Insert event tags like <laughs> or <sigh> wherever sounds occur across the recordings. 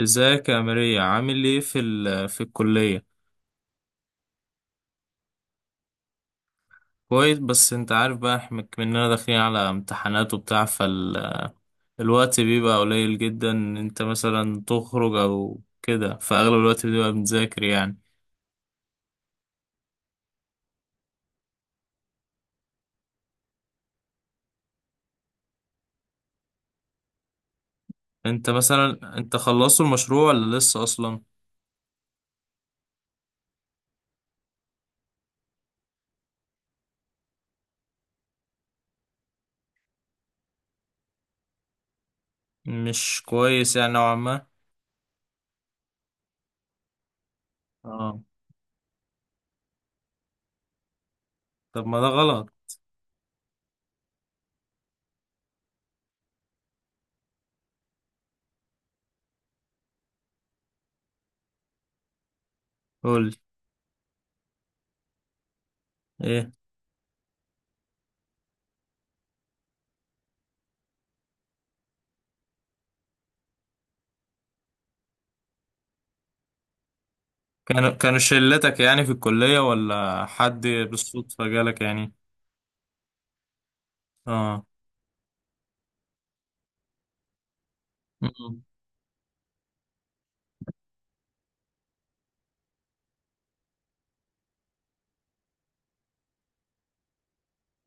ازيك يا ماريا؟ عامل ايه في الكلية؟ كويس، بس انت عارف بقى احنا مننا داخلين على امتحانات وبتاع، فالوقت بيبقى قليل جدا ان انت مثلا تخرج او كده، فاغلب الوقت بيبقى بنذاكر يعني. انت مثلا خلصت المشروع ولا لسه اصلا؟ مش كويس يعني نوعا ما. اه، طب ما ده غلط. قولي ايه. كانوا شلتك يعني في الكلية ولا حد بالصدفة جالك يعني؟ اه. امم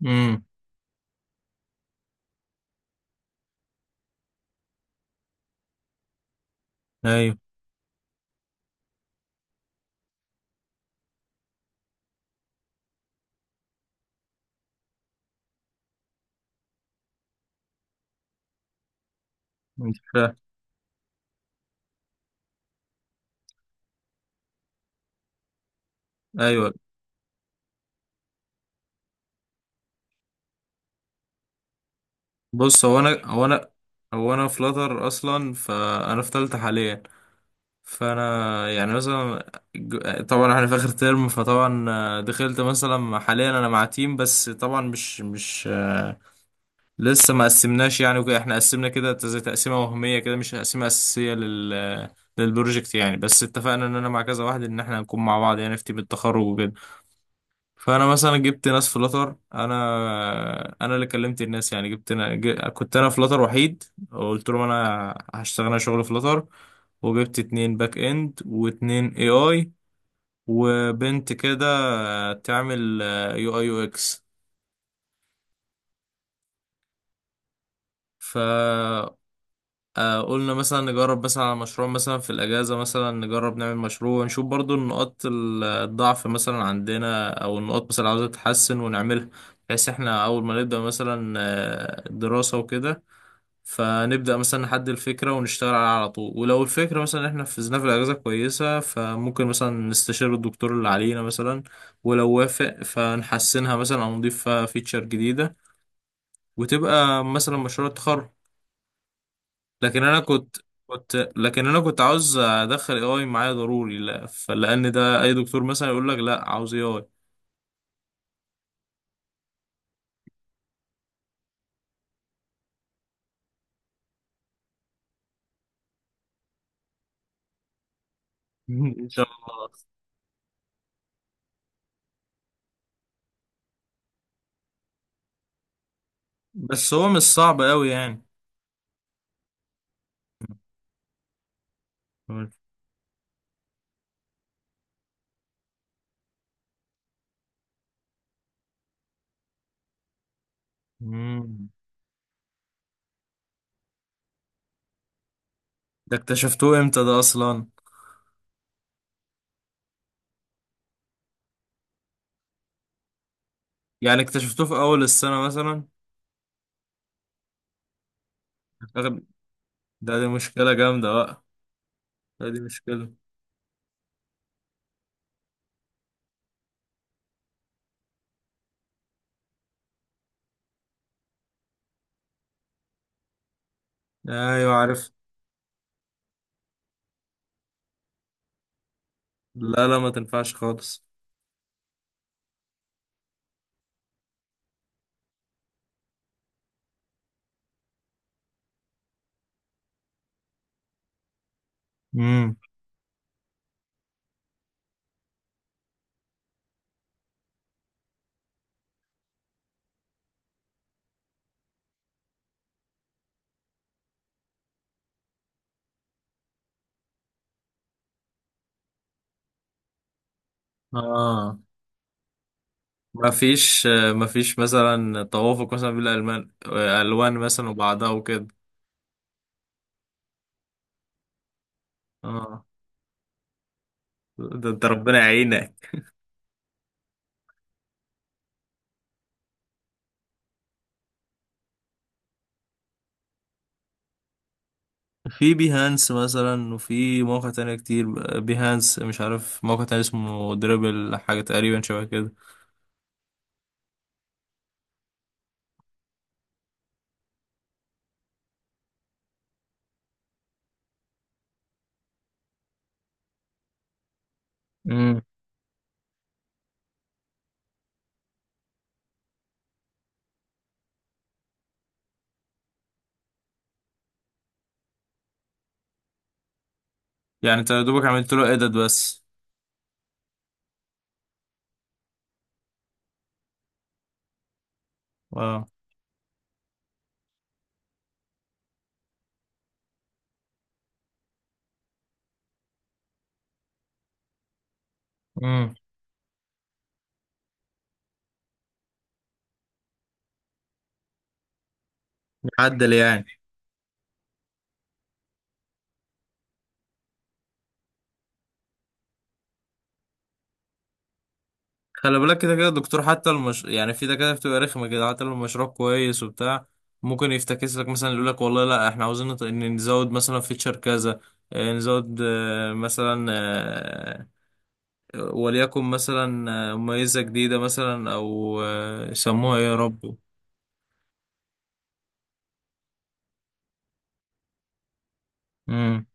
امم ايوه ايوه. بص، هو انا فلاتر اصلا، فانا في تالتة حاليا. فانا يعني مثلا طبعا احنا في اخر ترم، فطبعا دخلت مثلا حاليا انا مع تيم، بس طبعا مش لسه ما قسمناش يعني وكده، احنا قسمنا كده زي تقسيمه وهميه كده، مش تقسيمه اساسيه للبروجكت يعني، بس اتفقنا ان انا مع كذا واحد ان احنا هنكون مع بعض يعني في تيم التخرج وكده. فانا مثلا جبت ناس في فلاتر، انا اللي كلمت الناس يعني. كنت انا في فلاتر وحيد، وقلت لهم انا شغل فلاتر، وجبت اتنين باك اند واتنين اي اي، وبنت كده تعمل يو اي يو اكس. قلنا مثلا نجرب مثلا على مشروع مثلا في الأجازة، مثلا نجرب نعمل مشروع نشوف برضو النقاط الضعف مثلا عندنا أو النقاط مثلا عاوزة تتحسن ونعملها، بحيث احنا أول ما نبدأ مثلا الدراسة وكده، فنبدأ مثلا نحدد الفكرة ونشتغل عليها على طول. ولو الفكرة مثلا احنا نفذناها في الأجازة كويسة، فممكن مثلا نستشير الدكتور اللي علينا مثلا، ولو وافق فنحسنها مثلا أو نضيف فيها فيتشر جديدة وتبقى مثلا مشروع التخرج. لكن انا كنت، كنت لكن انا كنت عاوز ادخل اي اي معايا ضروري، لا فلان ده اي دكتور مثلا يقول لك لا عاوز اي اي. <laughs> ان شاء الله. بس هو مش صعب قوي يعني. مم. ده اكتشفتوه امتى ده اصلا؟ يعني اكتشفتوه في اول السنة مثلا؟ أغل- دي مشكلة جامدة بقى. دي مشكلة. ايوه، عارف. لا لا، ما تنفعش خالص. امم. اه. ما فيش ما فيش مثلا توافق مثلا بين الالوان، الوان مثلا وبعضها وكده. اه، ده انت ربنا يعينك. في بيهانس مثلا، وفي موقع تاني كتير. بيهانس، مش عارف موقع تاني اسمه دريبل حاجة تقريبا شبه كده. امم. يعني انت يا دوبك عملت له ايدit بس؟ اه. امم. عدل يعني. خلي بالك كده كده الدكتور حتى يعني في دكاترة بتبقى رخمة كده حتى لو المشروع كويس وبتاع. ممكن يفتكس لك مثلا، يقول لك والله لا احنا عاوزين إن نزود مثلا فيتشر كذا، نزود مثلا، وليكن مثلا ميزة جديدة مثلا، أو يسموها إيه يا رب. امم.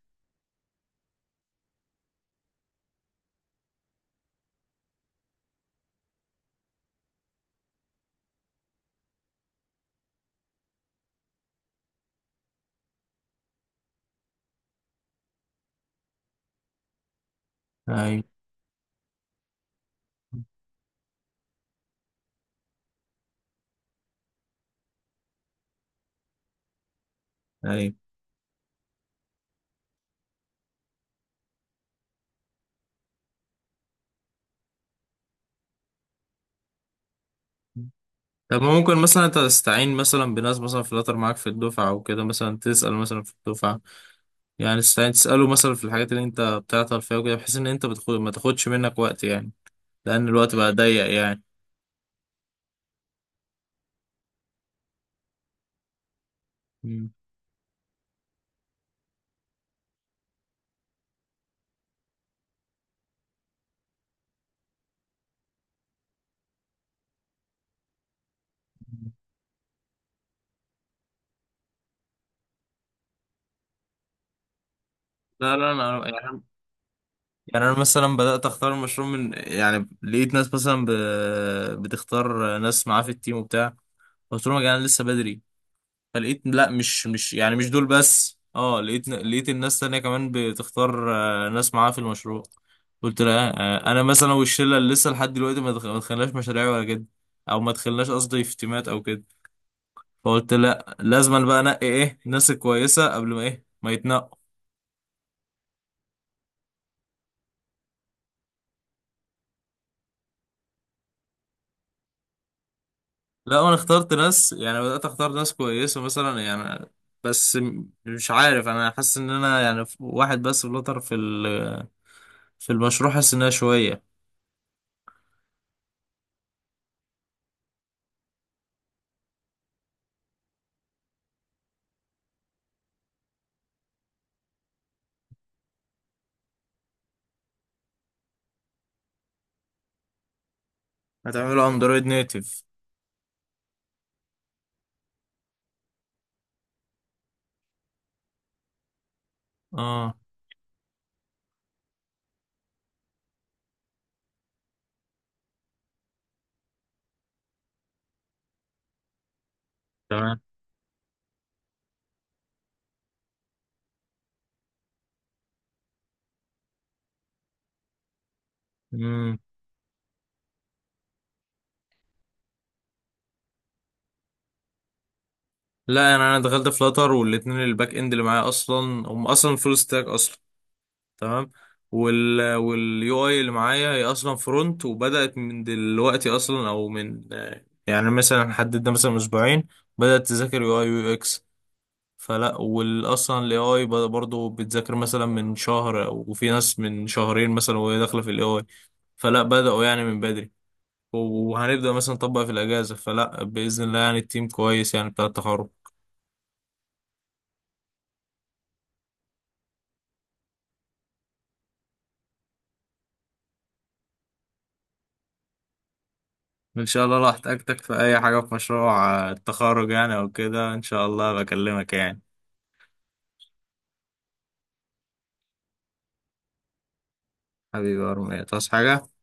أي، أي. طب ما ممكن مثلا أنت تستعين مثلا بناس مثلا فلاتر معاك في الدفعة أو كده، مثلا تسأل مثلا في الدفعة، يعني تستعين تسأله مثلا في الحاجات اللي أنت بتعطل فيها وكده، بحيث إن ما تاخدش منك وقت يعني، لأن الوقت بقى ضيق يعني. مم. لا لا، انا يعني، يعني انا مثلا بدات اختار المشروع من، يعني لقيت ناس مثلا بتختار ناس معاه في التيم وبتاع. قلت لهم يا جدعان لسه بدري، فلقيت لا، مش يعني مش دول بس، اه، لقيت الناس تانية كمان بتختار ناس معاها في المشروع. قلت لا، انا مثلا والشله اللي لسه لحد دلوقتي ما دخلناش مشاريع ولا كده، او ما دخلناش قصدي في تيمات او كده، فقلت لا، لازم أنا بقى انقي ايه الناس الكويسه قبل ما ايه ما يتنقوا. لا، انا اخترت ناس يعني، بدات اختار ناس كويسه مثلا يعني، بس مش عارف، انا حاسس ان انا يعني واحد بس فلتر في في المشروع، حاسس انها شويه. هتعمله اندرويد نيتف؟ اه. تمام. مم. لا، انا دخلت فلاتر، والاتنين الباك اند اللي معايا اصلا هم اصلا فول ستاك اصلا. تمام. واليو اي اللي معايا هي اصلا فرونت، وبدات من دلوقتي اصلا، او من يعني مثلا حددنا مثلا اسبوعين بدات تذاكر يو اي ويو اكس. فلا، والاصلا الاي اي برضه بتذاكر مثلا من شهر، وفي ناس من شهرين مثلا وهي داخله في الاي اي. فلا، بداوا يعني من بدري، وهنبدأ مثلا نطبق في الأجازة، فلا بإذن الله يعني التيم كويس يعني بتاع التخرج. ان شاء الله لو احتجتك في اي حاجه في مشروع التخرج يعني او كده ان شاء الله بكلمك يعني. حبيبي يا ارميا، تصحى حاجه؟